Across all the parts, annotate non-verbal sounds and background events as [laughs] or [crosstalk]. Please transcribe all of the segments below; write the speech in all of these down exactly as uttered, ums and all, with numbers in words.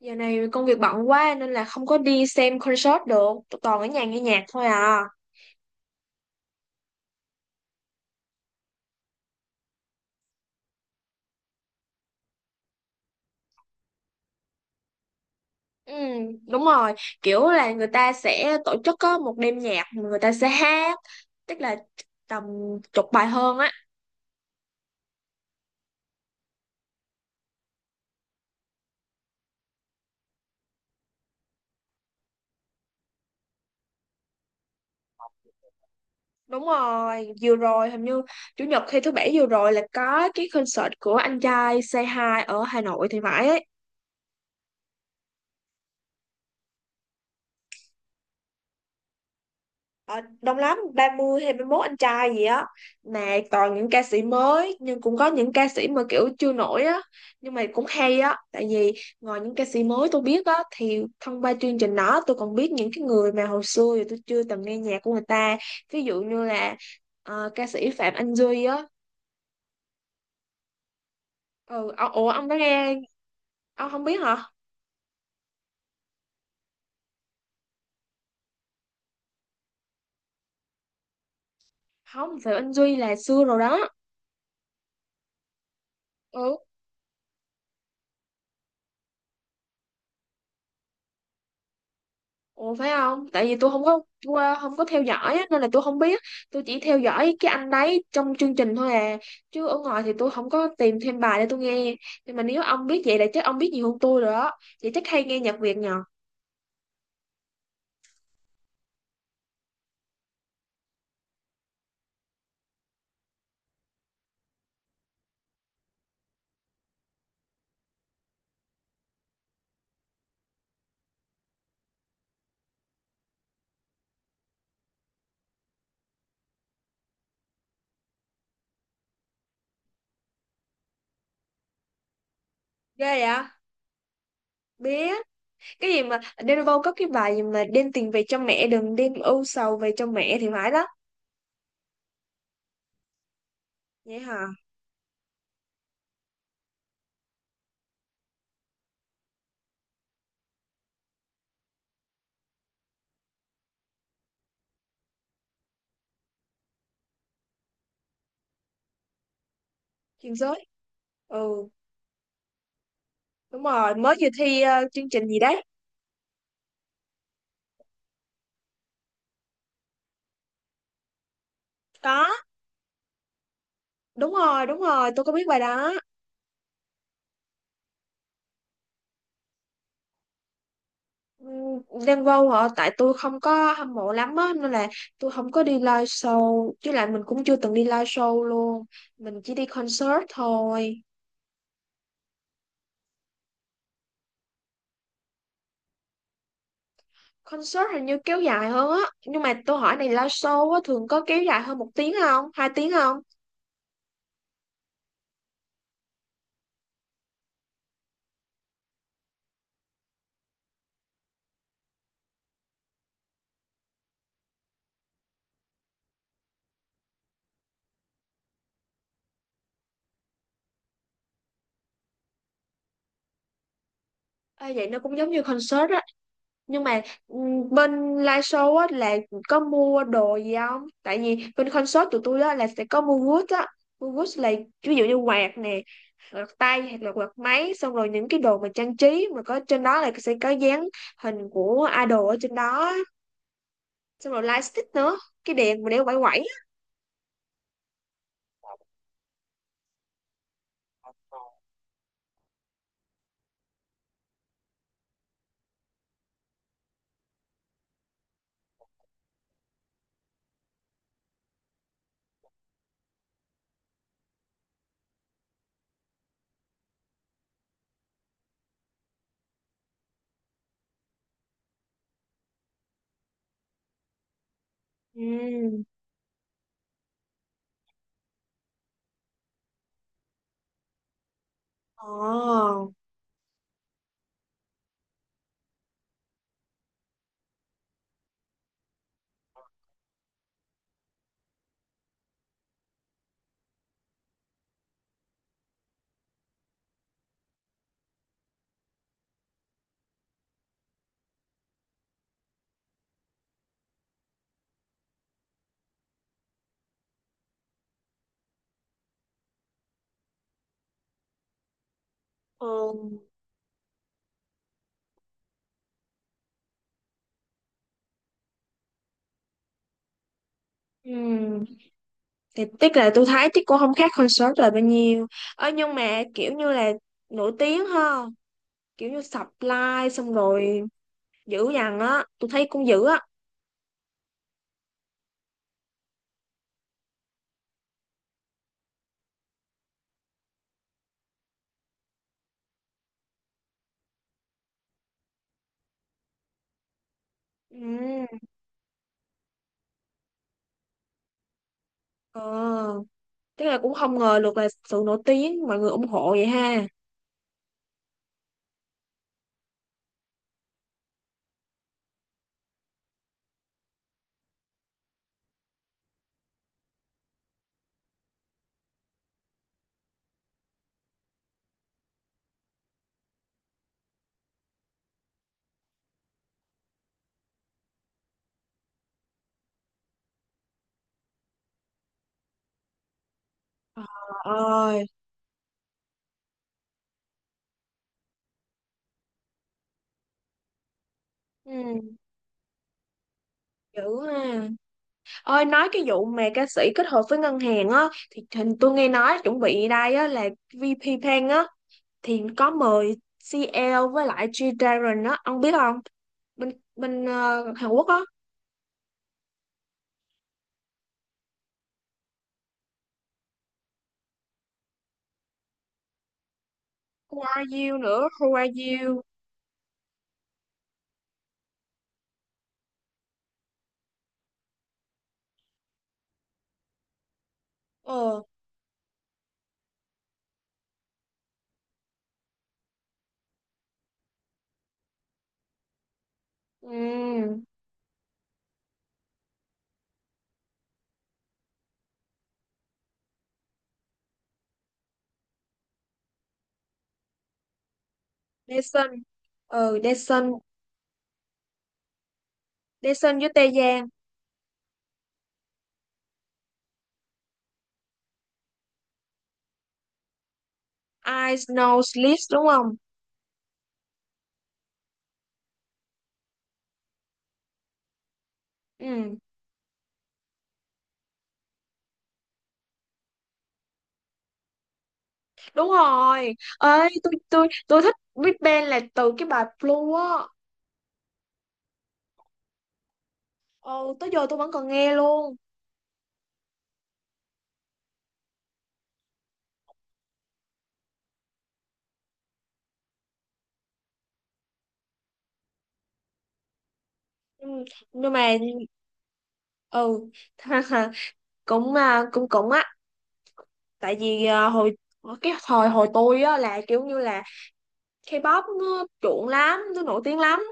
Giờ này công việc bận quá nên là không có đi xem concert được. Tụi toàn ở nhà nghe nhạc thôi à. Ừ, đúng rồi, kiểu là người ta sẽ tổ chức có một đêm nhạc, mà người ta sẽ hát, tức là tầm chục bài hơn á. Đúng rồi, vừa rồi hình như chủ nhật hay thứ bảy vừa rồi là có cái concert của anh trai Say Hi ở Hà Nội thì phải ấy. Ờ, đông lắm, ba mươi hay ba mốt anh trai gì á, mà toàn những ca sĩ mới, nhưng cũng có những ca sĩ mà kiểu chưa nổi á, nhưng mà cũng hay á, tại vì ngoài những ca sĩ mới tôi biết á thì thông qua chương trình đó tôi còn biết những cái người mà hồi xưa thì tôi chưa từng nghe nhạc của người ta, ví dụ như là ờ, ca sĩ Phạm Anh Duy á. Ừ, ồ, ủa, ông đã nghe? Ông không biết hả? Không, Phạm Anh Duy là xưa rồi đó. Ừ. Ủa, phải không? Tại vì tôi không có qua- không có theo dõi á, nên là tôi không biết. Tôi chỉ theo dõi cái anh đấy trong chương trình thôi à. Chứ ở ngoài thì tôi không có tìm thêm bài để tôi nghe. Nhưng mà nếu ông biết vậy là chắc ông biết nhiều hơn tôi rồi đó. Vậy chắc hay nghe nhạc Việt nhờ. Ghê vậy? Biết. Cái gì mà Đen Vâu có cái bài gì mà đem tiền về cho mẹ, đừng đem ưu sầu về cho mẹ thì phải đó. Vậy hả? Chuyên giới. Ừ, đúng rồi, mới vừa thi ờ, chương trình gì đấy. Có, đúng rồi, đúng rồi, tôi có biết bài đó. Ừm, Đen Vâu hả? Tại tôi không có hâm mộ lắm á nên là tôi không có đi live show, chứ lại mình cũng chưa từng đi live show luôn, mình chỉ đi concert thôi. Concert hình như kéo dài hơn á, nhưng mà tôi hỏi này, live show á thường có kéo dài hơn một tiếng không, hai tiếng không? Ê, vậy nó cũng giống như concert á, nhưng mà ừm, bên live show á là có mua đồ gì không? Tại vì bên concert tụi tôi á là sẽ có mua goods á. Mua goods là ví dụ như quạt nè, quạt tay, hoặc là quạt máy, xong rồi những cái đồ mà trang trí mà có trên đó là sẽ có dán hình của idol ở trên đó á. Xong rồi light stick nữa, cái đèn mà để quẩy quẩy á. Ừm. Ồ. Ừ. Ừm, thì tiếc là tôi thấy chắc cũng không khác concert là bao nhiêu. Ơ, nhưng mà kiểu như là nổi tiếng ha, kiểu như supply, xong rồi dữ dằn á, tôi thấy cũng dữ á. Ừ. ờ Tức là cũng không ngờ được là sự nổi tiếng mọi người ủng hộ vậy ha. Ờ. Ơi. Ừ, dữ ha. Ơi, nói cái vụ mà ca sĩ kết hợp với ngân hàng á, thì hình tôi nghe nói chuẩn bị đây á là vê pê Bank á, thì có mời xê lờ với lại G Dragon á, ông biết không? Bên bên ờ, Hàn Quốc á. Who are you nữa, Who are you. ờ ừ, Daesun. Ừ, Daesun. Daesun với Tê Giang. I Snow Sleeps đúng không? Ừ, đúng rồi. Ơi, tôi tôi tôi thích Big Bang là từ cái bài Blue á. Ừ, tới giờ tôi vẫn còn nghe luôn. Ừ, nhưng mà ừ [laughs] cũng à, cũng cũng á, tại vì à, hồi cái thời hồi tôi á là kiểu như là K-pop nó chuộng lắm, nó nổi tiếng lắm.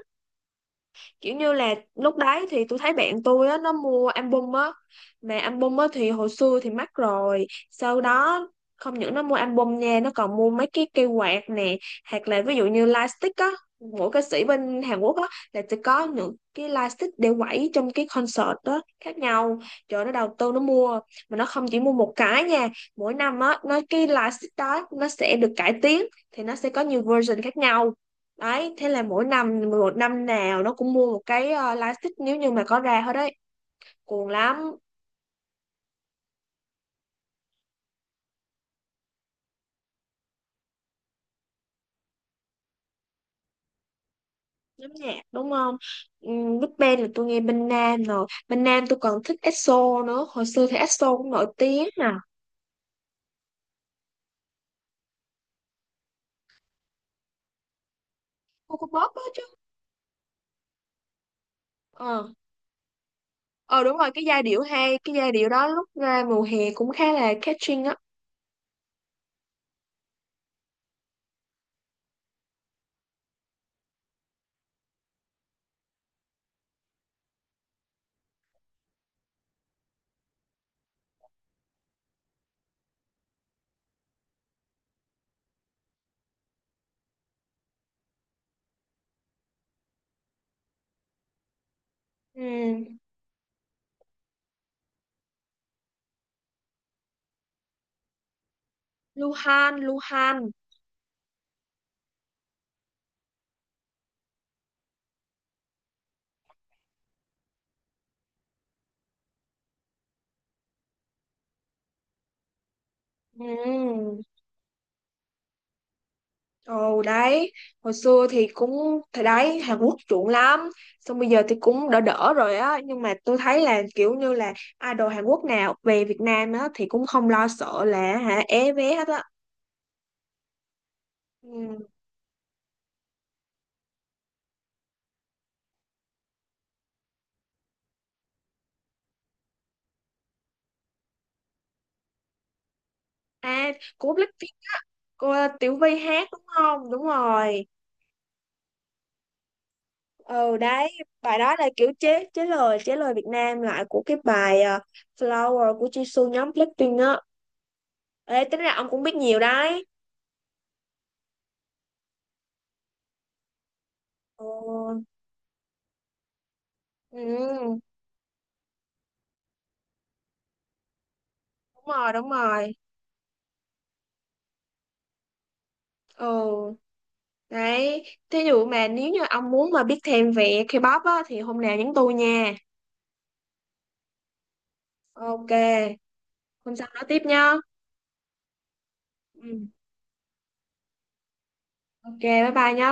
Kiểu như là lúc đấy thì tôi thấy bạn tôi á, nó mua album á, mà album á thì hồi xưa thì mắc rồi, sau đó không những nó mua album nha, nó còn mua mấy cái cây quạt nè, hoặc là ví dụ như lightstick á. Mỗi ca sĩ bên Hàn Quốc á là sẽ có những cái lightstick để quẩy trong cái concert đó khác nhau. Trời, nó đầu tư nó mua, mà nó không chỉ mua một cái nha. Mỗi năm á, nó cái lightstick đó nó sẽ được cải tiến, thì nó sẽ có nhiều version khác nhau. Đấy, thế là mỗi năm, một năm nào nó cũng mua một cái ờ, live stick nếu như mà có ra hết đấy. Cuồng lắm, lắm nhạc đúng không? Um, Big Bang là tôi nghe bên Nam rồi. Bên Nam tôi còn thích EXO nữa. Hồi xưa thì EXO cũng nổi tiếng nè. Cô cũng đó chứ. Ờ. Ờ, đúng rồi, cái giai điệu hay, cái giai điệu đó lúc ra mùa hè cũng khá là catching á. Ừ. Luhan, Luhan. Ừ. Ồ đấy, hồi xưa thì cũng, thì đấy, Hàn Quốc chuộng lắm. Xong bây giờ thì cũng đỡ đỡ rồi á, nhưng mà tôi thấy là kiểu như là idol Hàn Quốc nào về Việt Nam á thì cũng không lo sợ là hả é vé hết á. Ừ. À, của Blackpink, cô Tiểu Vy hát đúng không? Đúng rồi. Ừ đấy, bài đó là kiểu chế chế lời chế lời Việt Nam lại của cái bài ờ, Flower của Jisoo nhóm Blackpink á. Ê, tính ra ông cũng biết nhiều đấy. Ừ. Ừ, đúng rồi, đúng rồi. Ồ, đấy. Thí dụ mà nếu như ông muốn mà biết thêm về K-pop á, thì hôm nào nhắn tôi nha. Ok, hôm sau nói tiếp nhá. Ừ. Ok, bye bye nhá.